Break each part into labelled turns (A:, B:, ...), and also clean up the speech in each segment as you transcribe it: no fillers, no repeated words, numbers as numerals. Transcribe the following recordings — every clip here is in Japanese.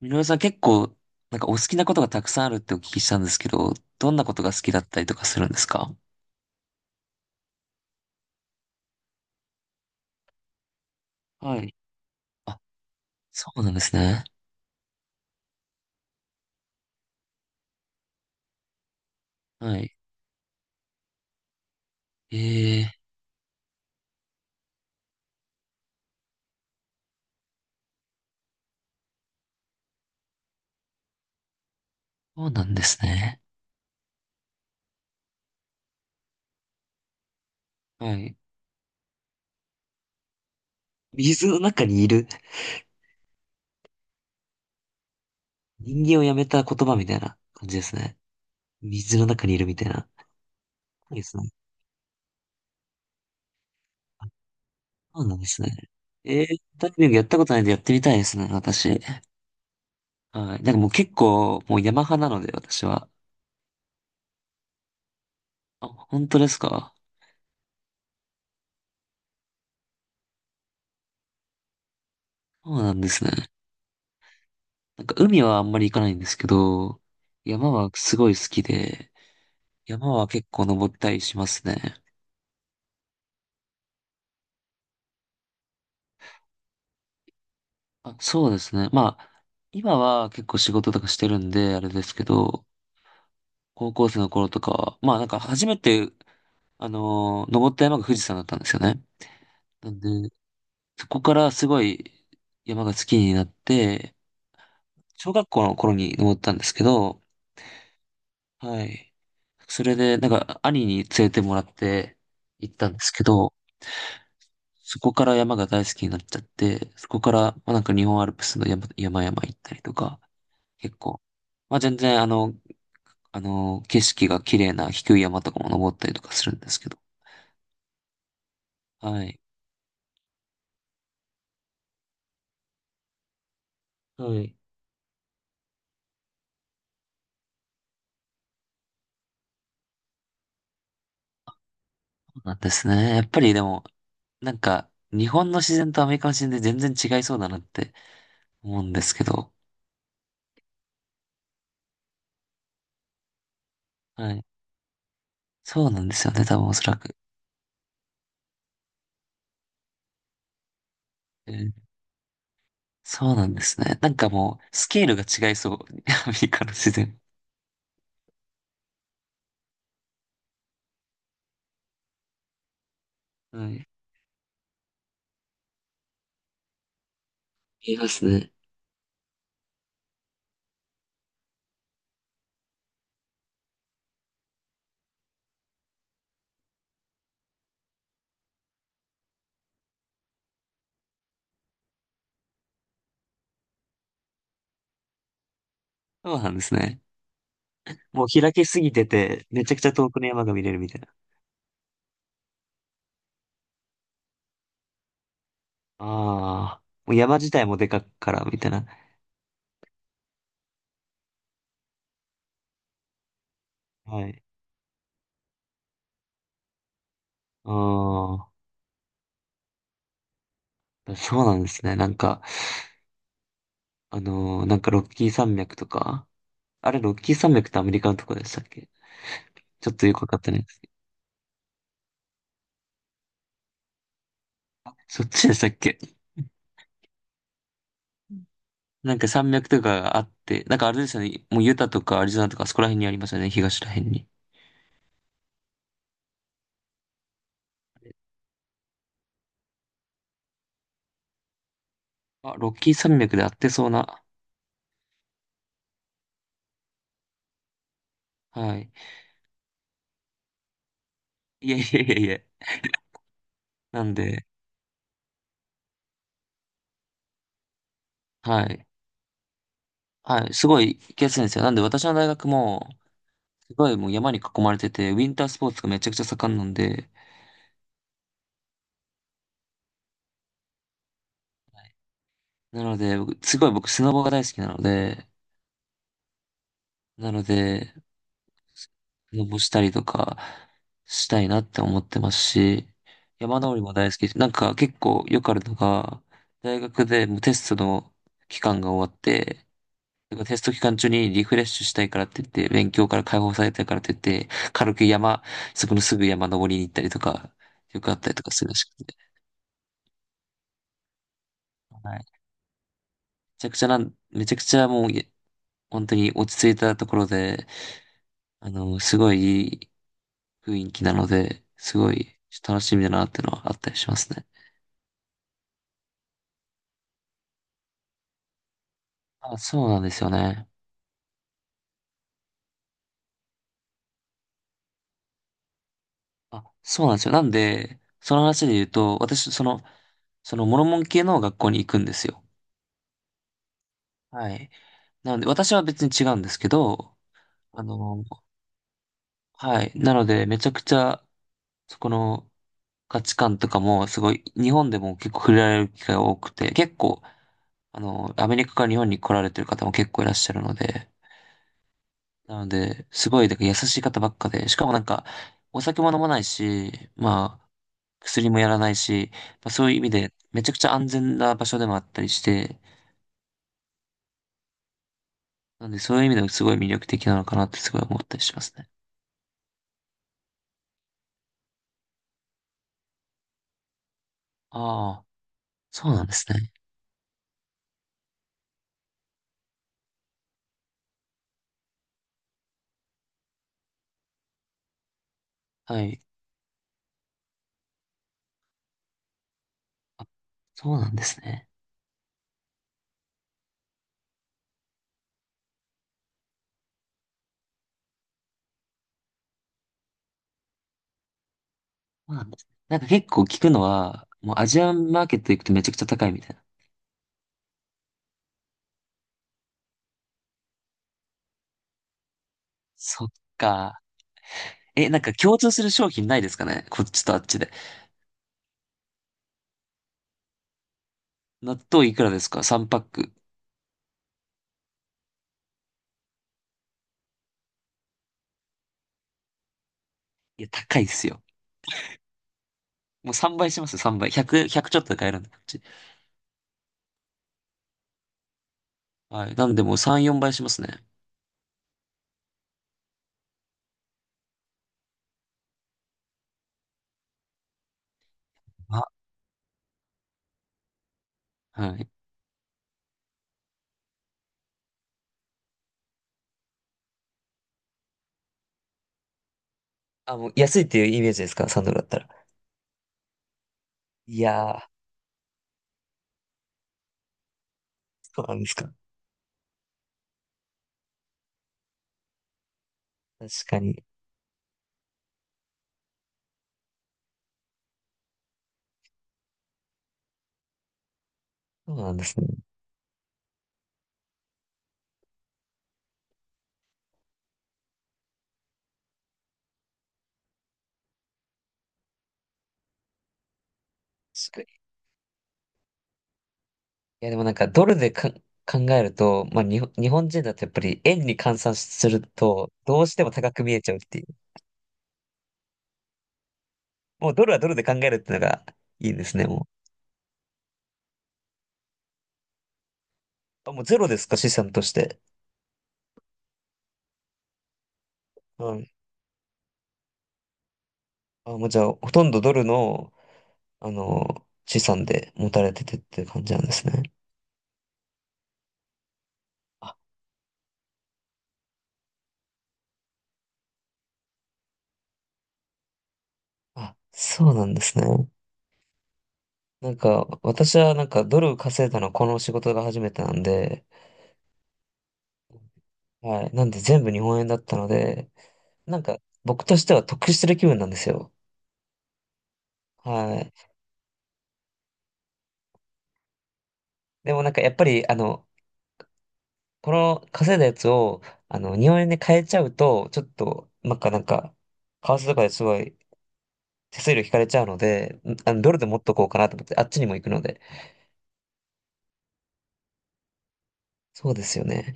A: みのるさん結構、なんかお好きなことがたくさんあるってお聞きしたんですけど、どんなことが好きだったりとかするんですか？はい。あ、そうなんですね。はい。ええ、そうなんですね。はい。水の中にいる。人間をやめた言葉みたいな感じですね。水の中にいるみたいな。いいですね。あ、そうなんですね。ええ、ダイビングやったことないんでやってみたいですね、私。はい。なんかもう結構、もう山派なので、私は。あ、本当ですか？そうなんですね。なんか海はあんまり行かないんですけど、山はすごい好きで、山は結構登ったりしますね。あ、そうですね。まあ、今は結構仕事とかしてるんで、あれですけど、高校生の頃とかは、まあなんか初めて、登った山が富士山だったんですよね。なんで、そこからすごい山が好きになって、小学校の頃に登ったんですけど、はい。それで、なんか兄に連れてもらって行ったんですけど、そこから山が大好きになっちゃって、そこから、まあ、なんか日本アルプスの山、山々行ったりとか、結構、まあ全然景色が綺麗な低い山とかも登ったりとかするんですけど。はい。はい。そうなんですね。やっぱりでも、なんか、日本の自然とアメリカの自然で全然違いそうだなって思うんですけど。はい。そうなんですよね、多分おそらく。えーそうなんですね。なんかもう、スケールが違いそう。アメリカの自然。はい。いますね。そうなんですね。もう開けすぎてて、めちゃくちゃ遠くの山が見れるみたいな。ああ、もう山自体もでかっから、みたいな。はい。ああ、そうなんですね。なんか、なんかロッキー山脈とか。あれ、ロッキー山脈ってアメリカのとこでしたっけ？ちょっとよくわかってないですけど。あそっちでしたっけ？ なんか山脈とかがあって、なんかあれですよね。もうユタとかアリゾナとかあそこら辺にありますよね。東ら辺に。あ、ロッキー山脈であってそうな。はい。いやいやいやいや。なんで、はい。はい、すごい行きやすいんですよ。なんで私の大学も、すごいもう山に囲まれてて、ウィンタースポーツがめちゃくちゃ盛んなんで、なので、僕すごい僕スノボが大好きなので、なので、スノボしたりとかしたいなって思ってますし、山登りも大好きです。なんか結構よくあるのが、大学でもうテストの期間が終わって、テスト期間中にリフレッシュしたいからって言って、勉強から解放されたいからって言って、軽く山、そこのすぐ山登りに行ったりとか、よくあったりとかするらしくて。はい。めちゃくちゃもう、本当に落ち着いたところで、すごいいい雰囲気なので、すごい楽しみだなってのはあったりしますね。あ、そうなんですよね。あ、そうなんですよ。なんで、その話で言うと、私、そのモルモン系の学校に行くんですよ。はい。なので、私は別に違うんですけど、あの、はい。なので、めちゃくちゃ、そこの価値観とかも、すごい、日本でも結構触れられる機会が多くて、結構、アメリカから日本に来られてる方も結構いらっしゃるので、なので、すごい、だから優しい方ばっかで、しかもなんか、お酒も飲まないし、まあ、薬もやらないし、まあ、そういう意味で、めちゃくちゃ安全な場所でもあったりして、なので、そういう意味でもすごい魅力的なのかなってすごい思ったりしますね。ああ、そうなんですね。はい。そうなんですね。まあ、なんか結構聞くのは、もうアジアンマーケット行くとめちゃくちゃ高いみたいな。そっか。え、なんか共通する商品ないですかねこっちとあっちで。納豆いくらですか？ 3 パック。いや、高いっすよ。もう3倍しますよ、3倍。100、ひゃくちょっとで買えるんで、こっち。はい。なんでもう3、4倍しますね。あ、はい。あ、もう安いっていうイメージですか？ 3 ドルだったら。いやー、そうなんですか。確かに。そうなんですね。確いやでもなんかドルでか考えると、まあ日本人だとやっぱり円に換算するとどうしても高く見えちゃうっていう。もうドルはドルで考えるってのがいいんですね、もう。あ、もうゼロですか、資産として。はい。あ、もうじゃあほとんどドルの、資産で持たれててっていう感じなんですね。あ、あ、そうなんですね。なんか私はなんかドル稼いだのはこの仕事が初めてなんで、はい。なんで全部日本円だったので、なんか僕としては得してる気分なんですよ。はい。でもなんかやっぱり、この稼いだやつを、日本円で買えちゃうと、ちょっと、なんか、為替とかですごい手数料引かれちゃうので、ドルで持っとこうかなと思って、あっちにも行くので。そうですよね。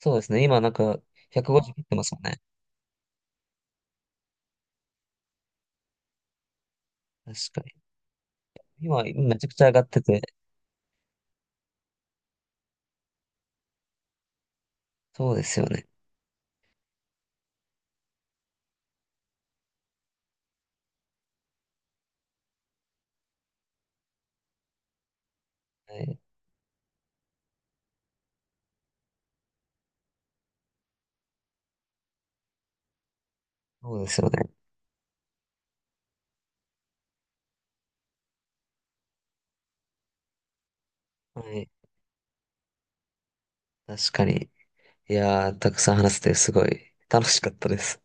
A: そうですね。今なんか、150切ってますよね。確かに。今、めちゃくちゃ上がってて。そうですよね。はい。そうですよね。はい。確かに。いやー、たくさん話せてすごい楽しかったです。